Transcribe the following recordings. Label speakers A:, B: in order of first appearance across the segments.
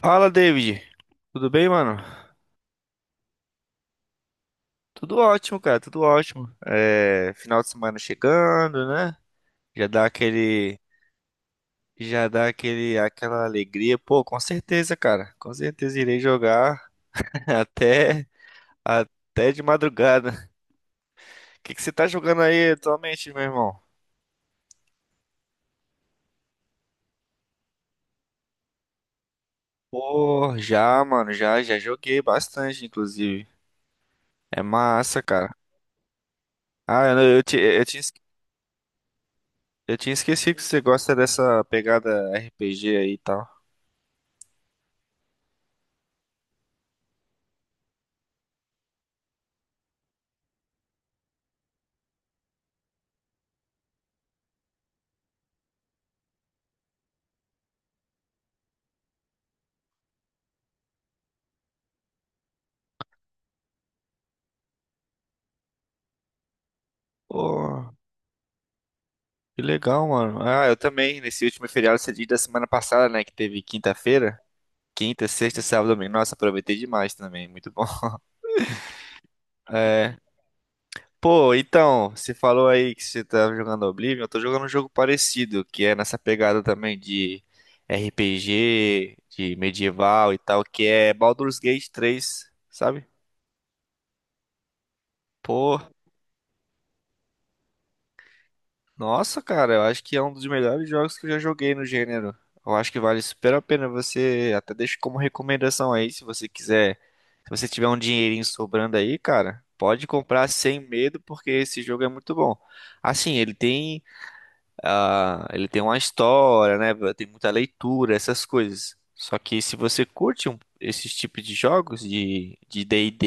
A: Fala, David. Tudo bem, mano? Tudo ótimo, cara, tudo ótimo. É, final de semana chegando, né? Já dá aquele, aquela alegria. Pô, com certeza, cara. Com certeza irei jogar até, até de madrugada. O que que você tá jogando aí atualmente, meu irmão? Pô, já, mano, já, já joguei bastante, inclusive. É massa, cara. Ah, eu tinha esquecido que você gosta dessa pegada RPG aí e tal. Pô, que legal, mano. Ah, eu também. Nesse último feriado cedido da semana passada, né? Que teve quinta-feira. Quinta, sexta, sábado, domingo. Nossa, aproveitei demais também. Muito bom. É. Pô, então, você falou aí que você tava jogando Oblivion. Eu tô jogando um jogo parecido, que é nessa pegada também de RPG, de medieval e tal, que é Baldur's Gate 3, sabe? Pô, nossa, cara, eu acho que é um dos melhores jogos que eu já joguei no gênero. Eu acho que vale super a pena você, até deixo como recomendação aí, se você quiser, se você tiver um dinheirinho sobrando aí, cara, pode comprar sem medo, porque esse jogo é muito bom. Assim, ele tem, ah, ele tem uma história, né? Tem muita leitura, essas coisas. Só que se você curte um- esses tipos de jogos de D&D,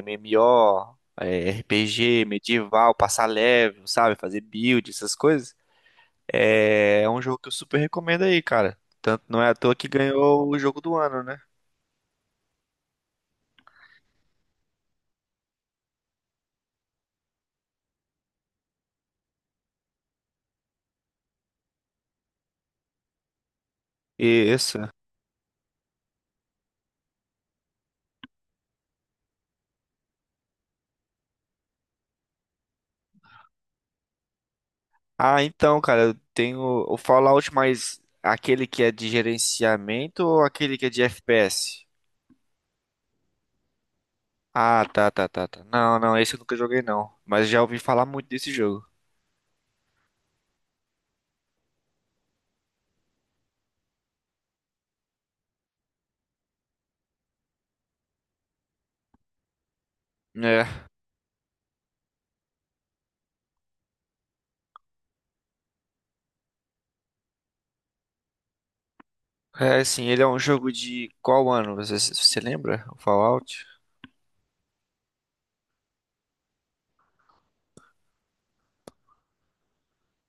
A: MMO, RPG, medieval, passar level, sabe, fazer build, essas coisas é, é um jogo que eu super recomendo aí, cara. Tanto não é à toa que ganhou o jogo do ano, né? Isso. Ah, então, cara, eu tenho o Fallout, mas aquele que é de gerenciamento ou aquele que é de FPS? Ah, tá, tá, tá, tá. Não, não, esse eu nunca joguei não, mas já ouvi falar muito desse jogo. É. É, assim, ele é um jogo de qual ano? Você, você lembra? O Fallout?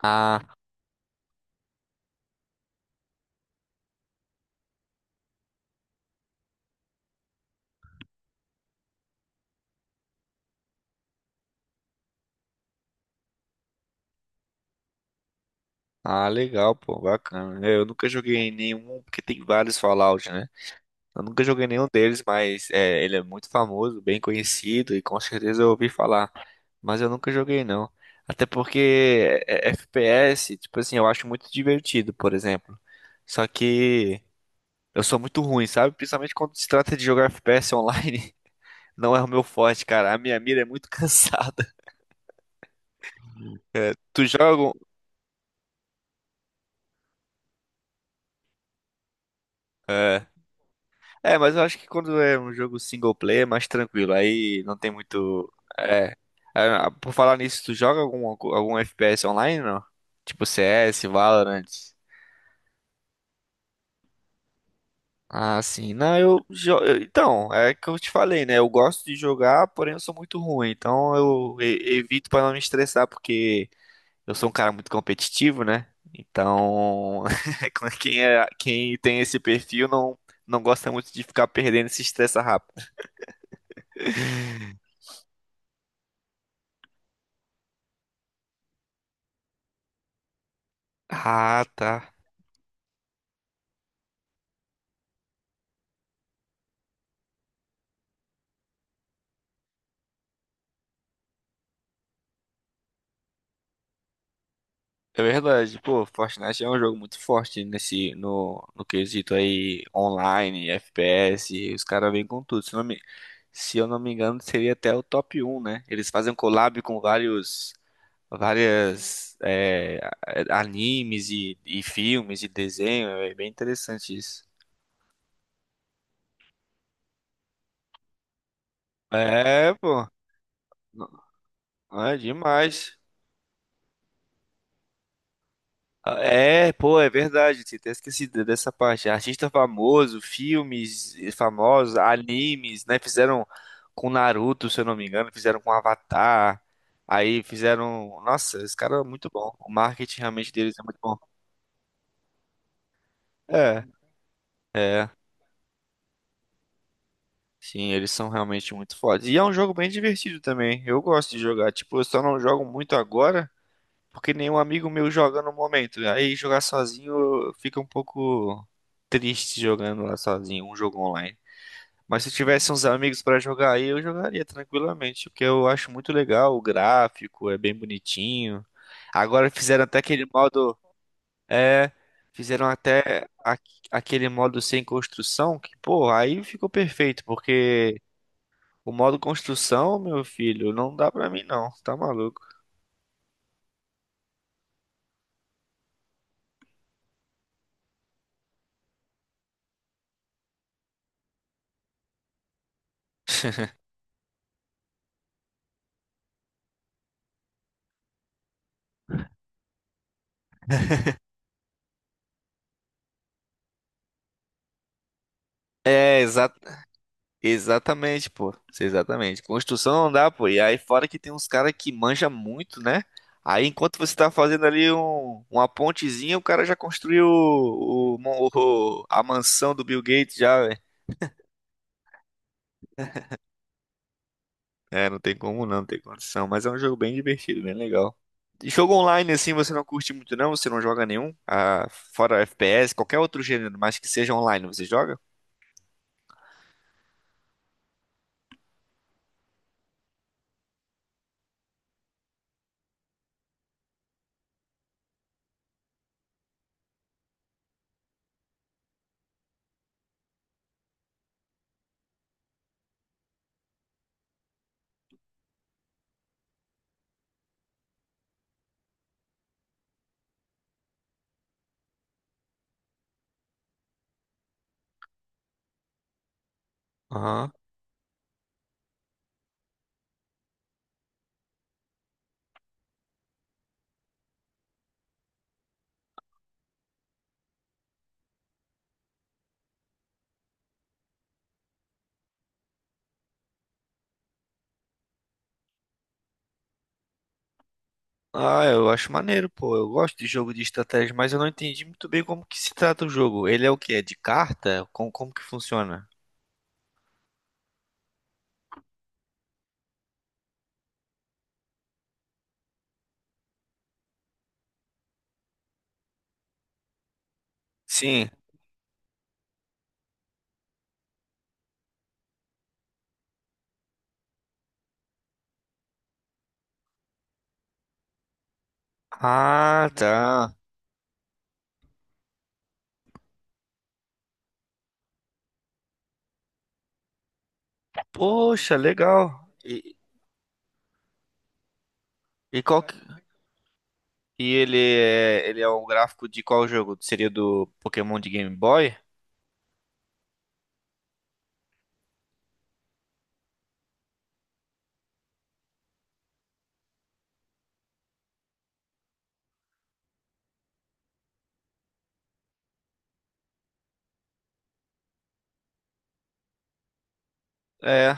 A: Ah, ah, legal, pô, bacana. É, eu nunca joguei nenhum, porque tem vários Fallout, né? Eu nunca joguei nenhum deles, mas é, ele é muito famoso, bem conhecido e com certeza eu ouvi falar. Mas eu nunca joguei não. Até porque FPS, tipo assim, eu acho muito divertido, por exemplo. Só que eu sou muito ruim, sabe? Principalmente quando se trata de jogar FPS online, não é o meu forte, cara. A minha mira é muito cansada. Tu joga? Algum- É. É, mas eu acho que quando é um jogo single player é mais tranquilo, aí não tem muito. É. É, por falar nisso, tu joga algum FPS online, não? Tipo CS, Valorant. Ah, sim. Não, então, é que eu te falei, né? Eu gosto de jogar, porém eu sou muito ruim. Então evito pra não me estressar, porque eu sou um cara muito competitivo, né? Então, quem tem esse perfil não, não gosta muito de ficar perdendo e se estressa rápido. Ah, tá. É verdade, pô, Fortnite é um jogo muito forte nesse, no, no quesito aí online, FPS, os caras vêm com tudo. Se eu não me engano, seria até o top um, né? Eles fazem um collab com vários, várias é, animes e filmes e desenho, é bem interessante isso. É, pô, não- é demais. Ah, é, pô, é verdade, tinha até esquecido dessa parte. Artista famoso, filmes famosos, animes, né? Fizeram com Naruto, se eu não me engano, fizeram com Avatar. Aí fizeram. Nossa, esse cara é muito bom. O marketing realmente deles é muito bom. É, é. Sim, eles são realmente muito fodas. E é um jogo bem divertido também. Eu gosto de jogar. Tipo, eu só não jogo muito agora, porque nenhum amigo meu joga no momento. Aí jogar sozinho fica um pouco triste jogando lá sozinho, um jogo online. Mas se tivesse uns amigos pra jogar aí, eu jogaria tranquilamente, porque eu acho muito legal o gráfico, é bem bonitinho. Agora fizeram até aquele modo, é, fizeram até a- aquele modo sem construção, que, pô, aí ficou perfeito, porque o modo construção, meu filho, não dá pra mim não, tá maluco. É, exatamente, pô. Isso, exatamente. Construção não dá, pô. E aí, fora que tem uns caras que manja muito, né? Aí, enquanto você tá fazendo ali uma pontezinha, o cara já construiu a mansão do Bill Gates já, velho. É, não tem como não, não tem condição. Mas é um jogo bem divertido, bem legal. E jogo online, assim, você não curte muito, não? Você não joga nenhum? Ah, fora FPS, qualquer outro gênero, mas que seja online, você joga? Aham. Ah, eu acho maneiro, pô. Eu gosto de jogo de estratégia, mas eu não entendi muito bem como que se trata o jogo. Ele é o quê? É de carta? Como que funciona? Sim. Ah, tá. Poxa, legal. E qual que... E ele é um gráfico de qual jogo? Seria do Pokémon de Game Boy? É.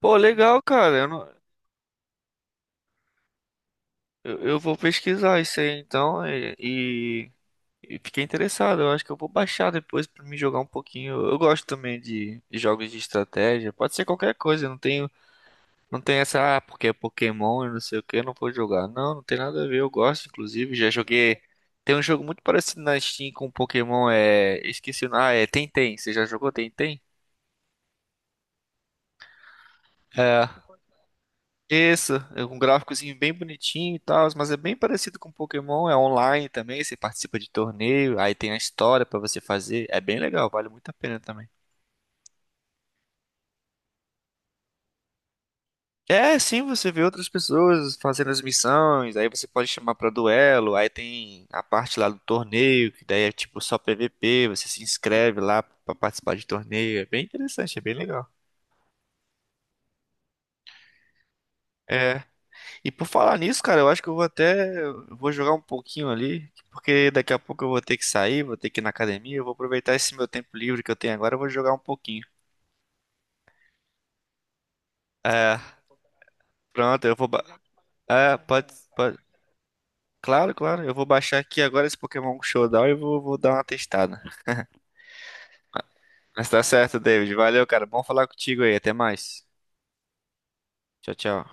A: Pô, legal, cara. Eu, não- Eu vou pesquisar isso aí então. E, e fiquei interessado, eu acho que eu vou baixar depois pra me jogar um pouquinho. Eu gosto também de jogos de estratégia, pode ser qualquer coisa, eu não tenho, não tem essa, ah, porque é Pokémon e não sei o que, eu não vou jogar. Não, não tem nada a ver, eu gosto, inclusive, já joguei. Tem um jogo muito parecido na Steam com Pokémon, é. Esqueci o nome, ah, é Tenten, você já jogou Tenten? É. Isso, é um gráficozinho bem bonitinho e tal, mas é bem parecido com Pokémon, é online também, você participa de torneio, aí tem a história pra você fazer, é bem legal, vale muito a pena também. É, sim, você vê outras pessoas fazendo as missões, aí você pode chamar pra duelo, aí tem a parte lá do torneio, que daí é tipo só PVP, você se inscreve lá pra participar de torneio, é bem interessante, é bem legal. É, e por falar nisso, cara, eu acho que eu vou até, eu vou jogar um pouquinho ali, porque daqui a pouco eu vou ter que sair, vou ter que ir na academia, eu vou aproveitar esse meu tempo livre que eu tenho agora, eu vou jogar um pouquinho. É, pronto, eu vou, ba- é, pode, pode, claro, claro, eu vou baixar aqui agora esse Pokémon Showdown e vou, vou dar uma testada. Mas tá certo, David. Valeu, cara. Bom falar contigo aí. Até mais. Tchau, tchau.